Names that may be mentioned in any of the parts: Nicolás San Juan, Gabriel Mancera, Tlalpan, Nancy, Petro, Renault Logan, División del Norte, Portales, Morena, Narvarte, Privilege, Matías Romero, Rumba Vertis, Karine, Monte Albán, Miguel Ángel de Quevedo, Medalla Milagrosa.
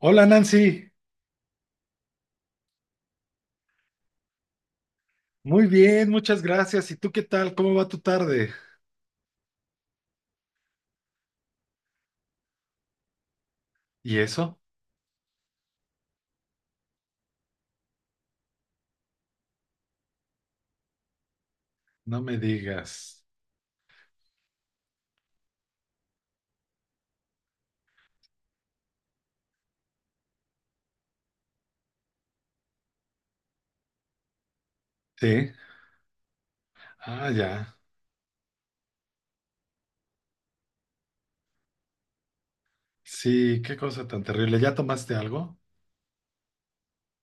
Hola Nancy, muy bien, muchas gracias. ¿Y tú qué tal? ¿Cómo va tu tarde? ¿Y eso? No me digas. Sí, ah, ya. Sí, qué cosa tan terrible. ¿Ya tomaste algo?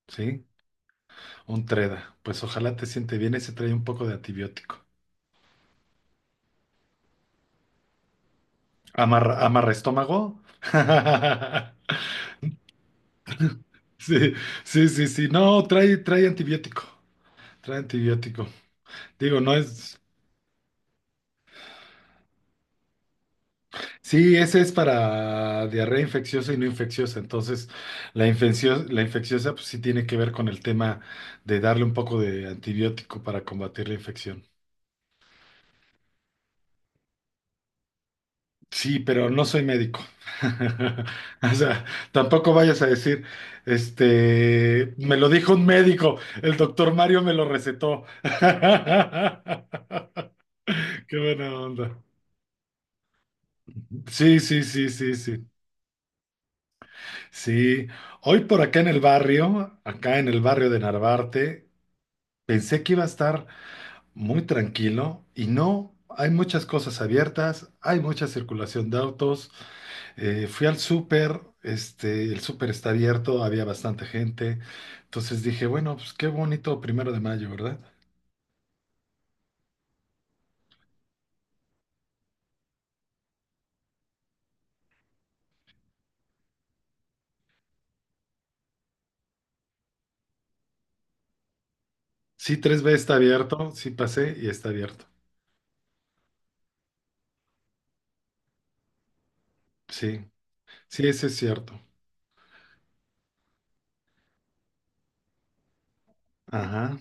Sí, un treda. Pues ojalá te siente bien, ese trae un poco de antibiótico. ¿Amarra, amarra estómago? Sí, sí, sí, sí. No, trae antibiótico. Trae antibiótico. Digo, no es. Sí, ese es para diarrea infecciosa y no infecciosa. Entonces, la infecciosa pues sí tiene que ver con el tema de darle un poco de antibiótico para combatir la infección. Sí, pero no soy médico. O sea, tampoco vayas a decir, me lo dijo un médico, el doctor Mario me lo recetó. Qué buena onda. Sí, sí, sí, sí, sí. Sí, hoy por acá en el barrio, acá en el barrio de Narvarte, pensé que iba a estar muy tranquilo y no, hay muchas cosas abiertas, hay mucha circulación de autos. Fui al súper, el súper está abierto, había bastante gente. Entonces dije, bueno, pues qué bonito primero de mayo, ¿verdad? Sí, 3B está abierto, sí pasé y está abierto. Sí, sí, eso es cierto. Ajá.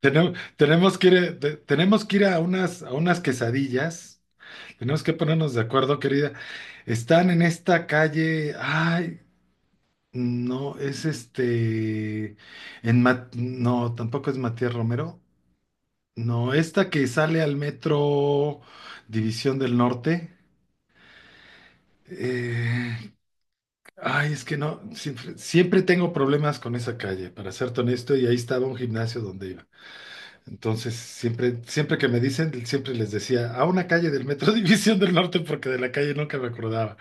Tenemos que ir, tenemos que ir a a unas quesadillas. Tenemos que ponernos de acuerdo, querida. Están en esta calle. Ay, no, es este. No, tampoco es Matías Romero. No, esta que sale al metro División del Norte. Eh, Ay, es que no. Siempre tengo problemas con esa calle, para serte honesto, y ahí estaba un gimnasio donde iba. Entonces, siempre que me dicen, siempre les decía, a una calle del metro División del Norte, porque de la calle nunca me acordaba.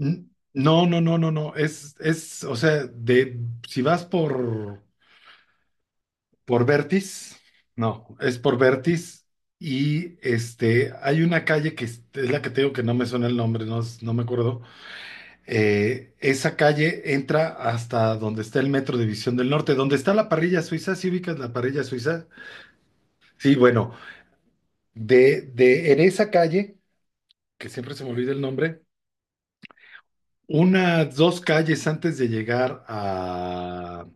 N- No, no, no, no, no. O sea, de si vas por. Por Vertis, no, es por Vertis y hay una calle que es la que tengo que no me suena el nombre, no me acuerdo. Esa calle entra hasta donde está el Metro División del Norte, donde está la parrilla suiza, ¿sí ubicas la parrilla suiza? Sí, bueno, de en esa calle, que siempre se me olvida el nombre, unas dos calles antes de llegar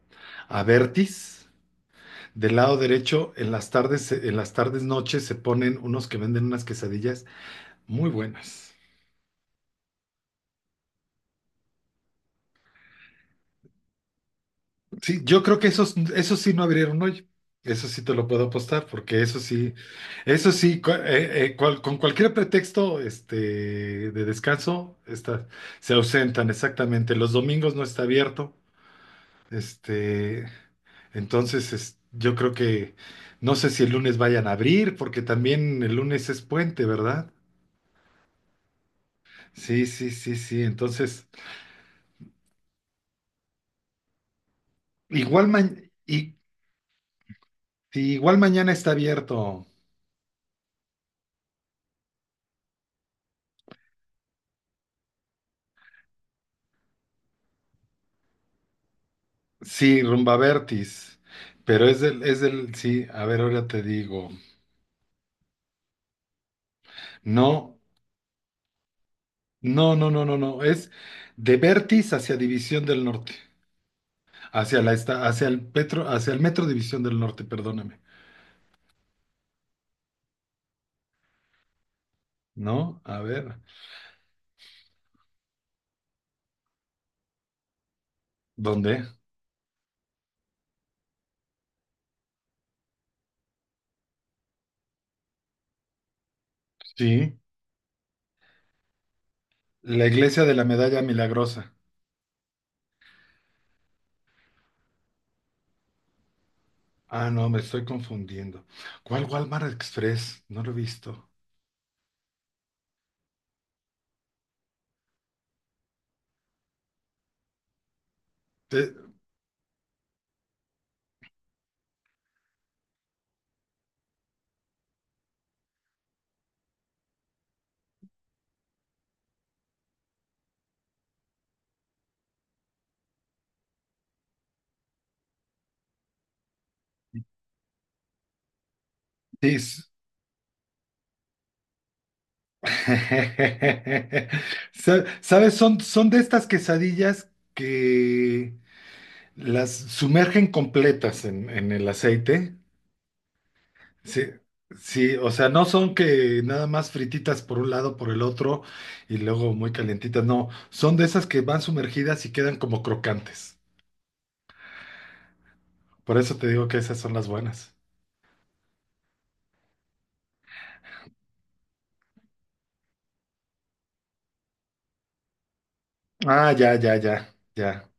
a Vertis. Del lado derecho, en las tardes noches se ponen unos que venden unas quesadillas muy buenas. Sí, yo creo que esos sí no abrieron hoy. Eso sí te lo puedo apostar, porque eso sí, con cualquier pretexto de descanso, está, se ausentan exactamente. Los domingos no está abierto. Este, entonces, yo creo que no sé si el lunes vayan a abrir, porque también el lunes es puente, ¿verdad? Sí, sí, sí, sí. Entonces, igual, y, sí, igual mañana está abierto. Sí, Rumba Vertis. Pero sí, a ver, ahora te digo. No, no, no, no, no, no. Es de Vertis hacia División del Norte. Hacia la esta, hacia el Petro, hacia el Metro División del Norte, perdóname. ¿No? A ver. ¿Dónde? Sí. La iglesia de la Medalla Milagrosa. Ah, no, me estoy confundiendo. ¿Cuál Walmart Express? No lo he visto. Eh, Sí, ¿Sabes? Son, son de estas quesadillas que las sumergen completas en el aceite. Sí, sí, o sea, no son que nada más frititas por un lado, por el otro y luego muy calientitas. No, son de esas que van sumergidas y quedan como crocantes. Por eso te digo que esas son las buenas. Ah, ya, ya, ya, ya.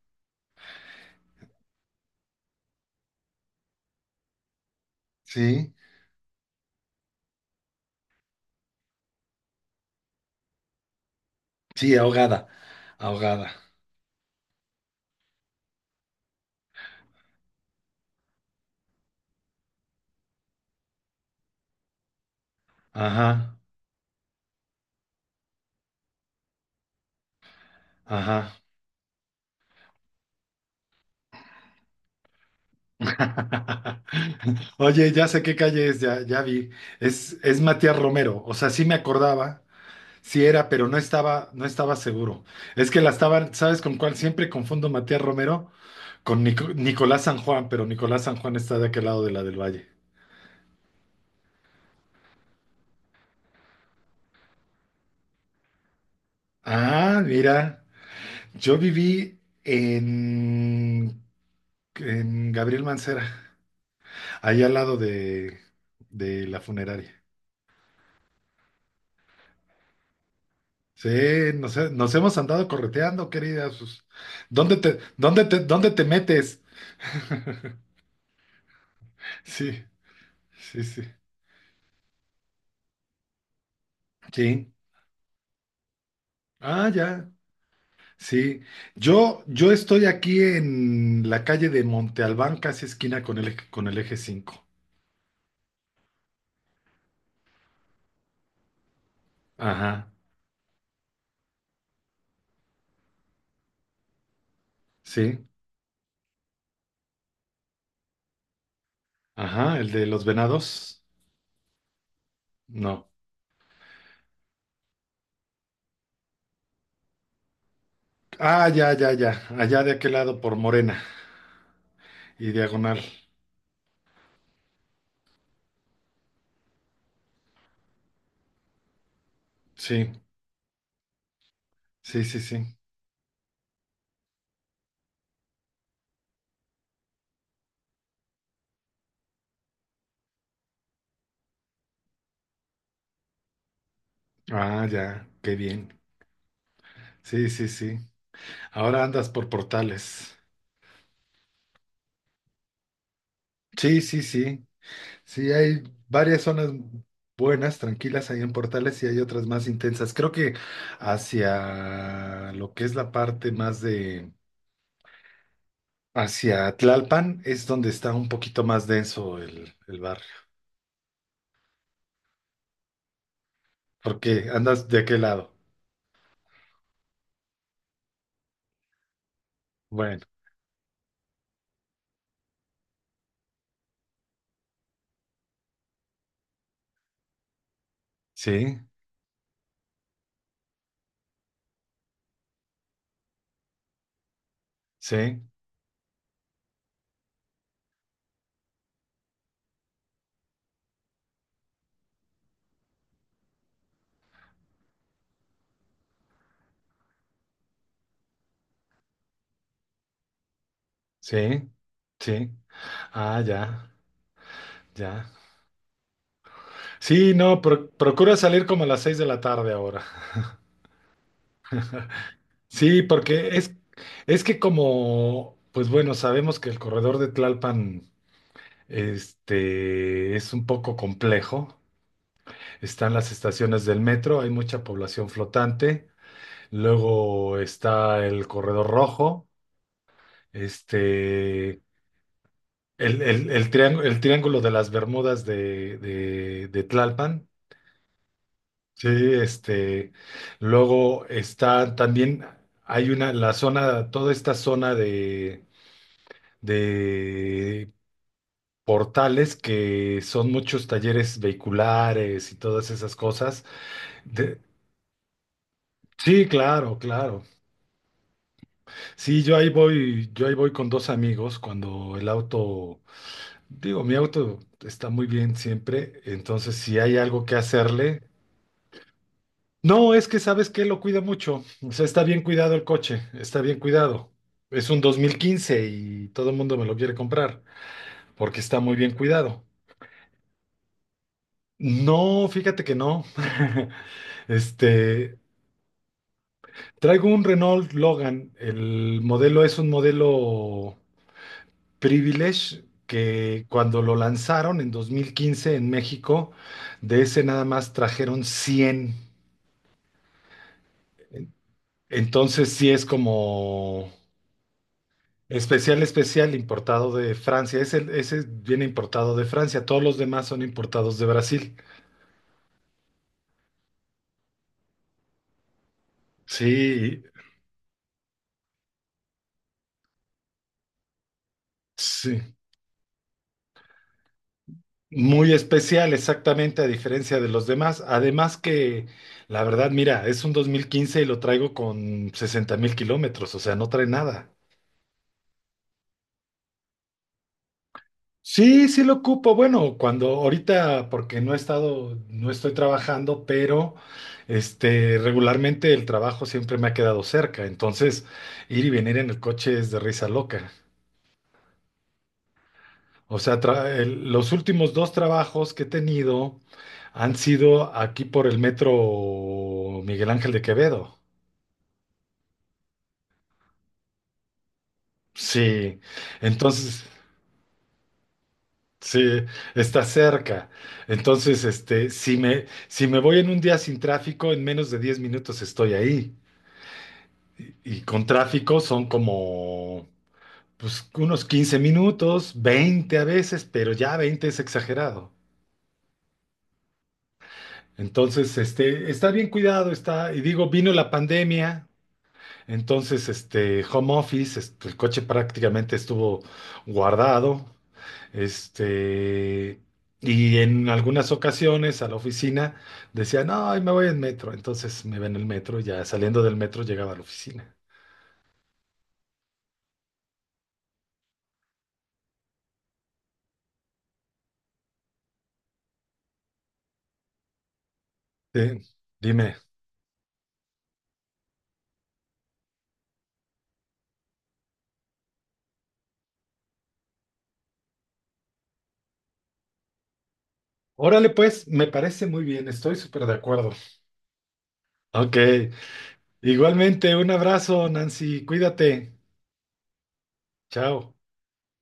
Sí, sí, ahogada, ahogada. Ajá, ajá. Oye, ya sé qué calle es, ya, ya vi. Es Matías Romero. O sea, sí me acordaba, sí era, pero no estaba seguro. Es que la estaban, ¿sabes con cuál? Siempre confundo Matías Romero con Nicolás San Juan, pero Nicolás San Juan está de aquel lado de la del Valle. Ah, mira, yo viví en Gabriel Mancera, ahí al lado de la funeraria. Sí, nos hemos andado correteando, querida. Pues, ¿dónde te, dónde te, dónde te metes? Sí, sí, sí. Sí. Ah, ya. Sí. Yo estoy aquí en la calle de Monte Albán, casi esquina con el, con el eje 5. Ajá. Sí. Ajá, el de los venados. No. Ah, ya, ya, ya. Allá de aquel lado por Morena y diagonal. Sí, sí, sí, sí. Ah, ya. Qué bien. Sí, sí, sí. Ahora andas por portales. Sí, sí, sí. Sí, hay varias zonas buenas, tranquilas ahí en Portales y hay otras más intensas. Creo que hacia lo que es la parte más de, hacia Tlalpan es donde está un poquito más denso el barrio. ¿Porque andas de qué lado? Bueno, sí, sí, sí, sí. Ah, ya, ya. Sí, no, procura salir como a las 6 de la tarde ahora. Sí, porque es que como, pues bueno, sabemos que el corredor de Tlalpan es un poco complejo. Están las estaciones del metro, hay mucha población flotante. Luego está el corredor rojo, este, triángulo el triángulo de las Bermudas de Tlalpan. Sí, luego está también, hay una, la zona, toda esta zona de portales que son muchos talleres vehiculares y todas esas cosas. De- sí, claro, claro. Sí, yo ahí voy con dos amigos cuando el auto, digo, mi auto está muy bien siempre, entonces si hay algo que hacerle. No, es que sabes que lo cuida mucho. O sea, está bien cuidado el coche, está bien cuidado. Es un 2015 y todo el mundo me lo quiere comprar porque está muy bien cuidado. No, fíjate que no. Este, traigo un Renault Logan. El modelo es un modelo Privilege que cuando lo lanzaron en 2015 en México, de ese nada más trajeron 100. Entonces sí es como especial, especial, importado de Francia. Ese viene importado de Francia. Todos los demás son importados de Brasil. Sí, sí. Muy especial, exactamente, a diferencia de los demás. Además que, la verdad, mira, es un 2015 y lo traigo con 60.000 kilómetros, o sea, no trae nada. Sí, sí lo ocupo. Bueno, cuando ahorita, porque no he estado, no estoy trabajando, pero regularmente el trabajo siempre me ha quedado cerca. Entonces, ir y venir en el coche es de risa loca. O sea, los últimos dos trabajos que he tenido han sido aquí por el metro Miguel Ángel de Quevedo. Sí, entonces, sí, está cerca. Entonces, si me voy en un día sin tráfico, en menos de 10 minutos estoy ahí. Y con tráfico son como, pues, unos 15 minutos, 20 a veces, pero ya 20 es exagerado. Entonces, está bien cuidado, está, y digo, vino la pandemia. Entonces, home office, el coche prácticamente estuvo guardado, este, y en algunas ocasiones a la oficina decía, no, hoy me voy en metro. Entonces me iba en el metro, y ya saliendo del metro llegaba a la oficina. Sí, dime. Órale, pues, me parece muy bien, estoy súper de acuerdo. Ok, igualmente, un abrazo, Nancy, cuídate. Chao.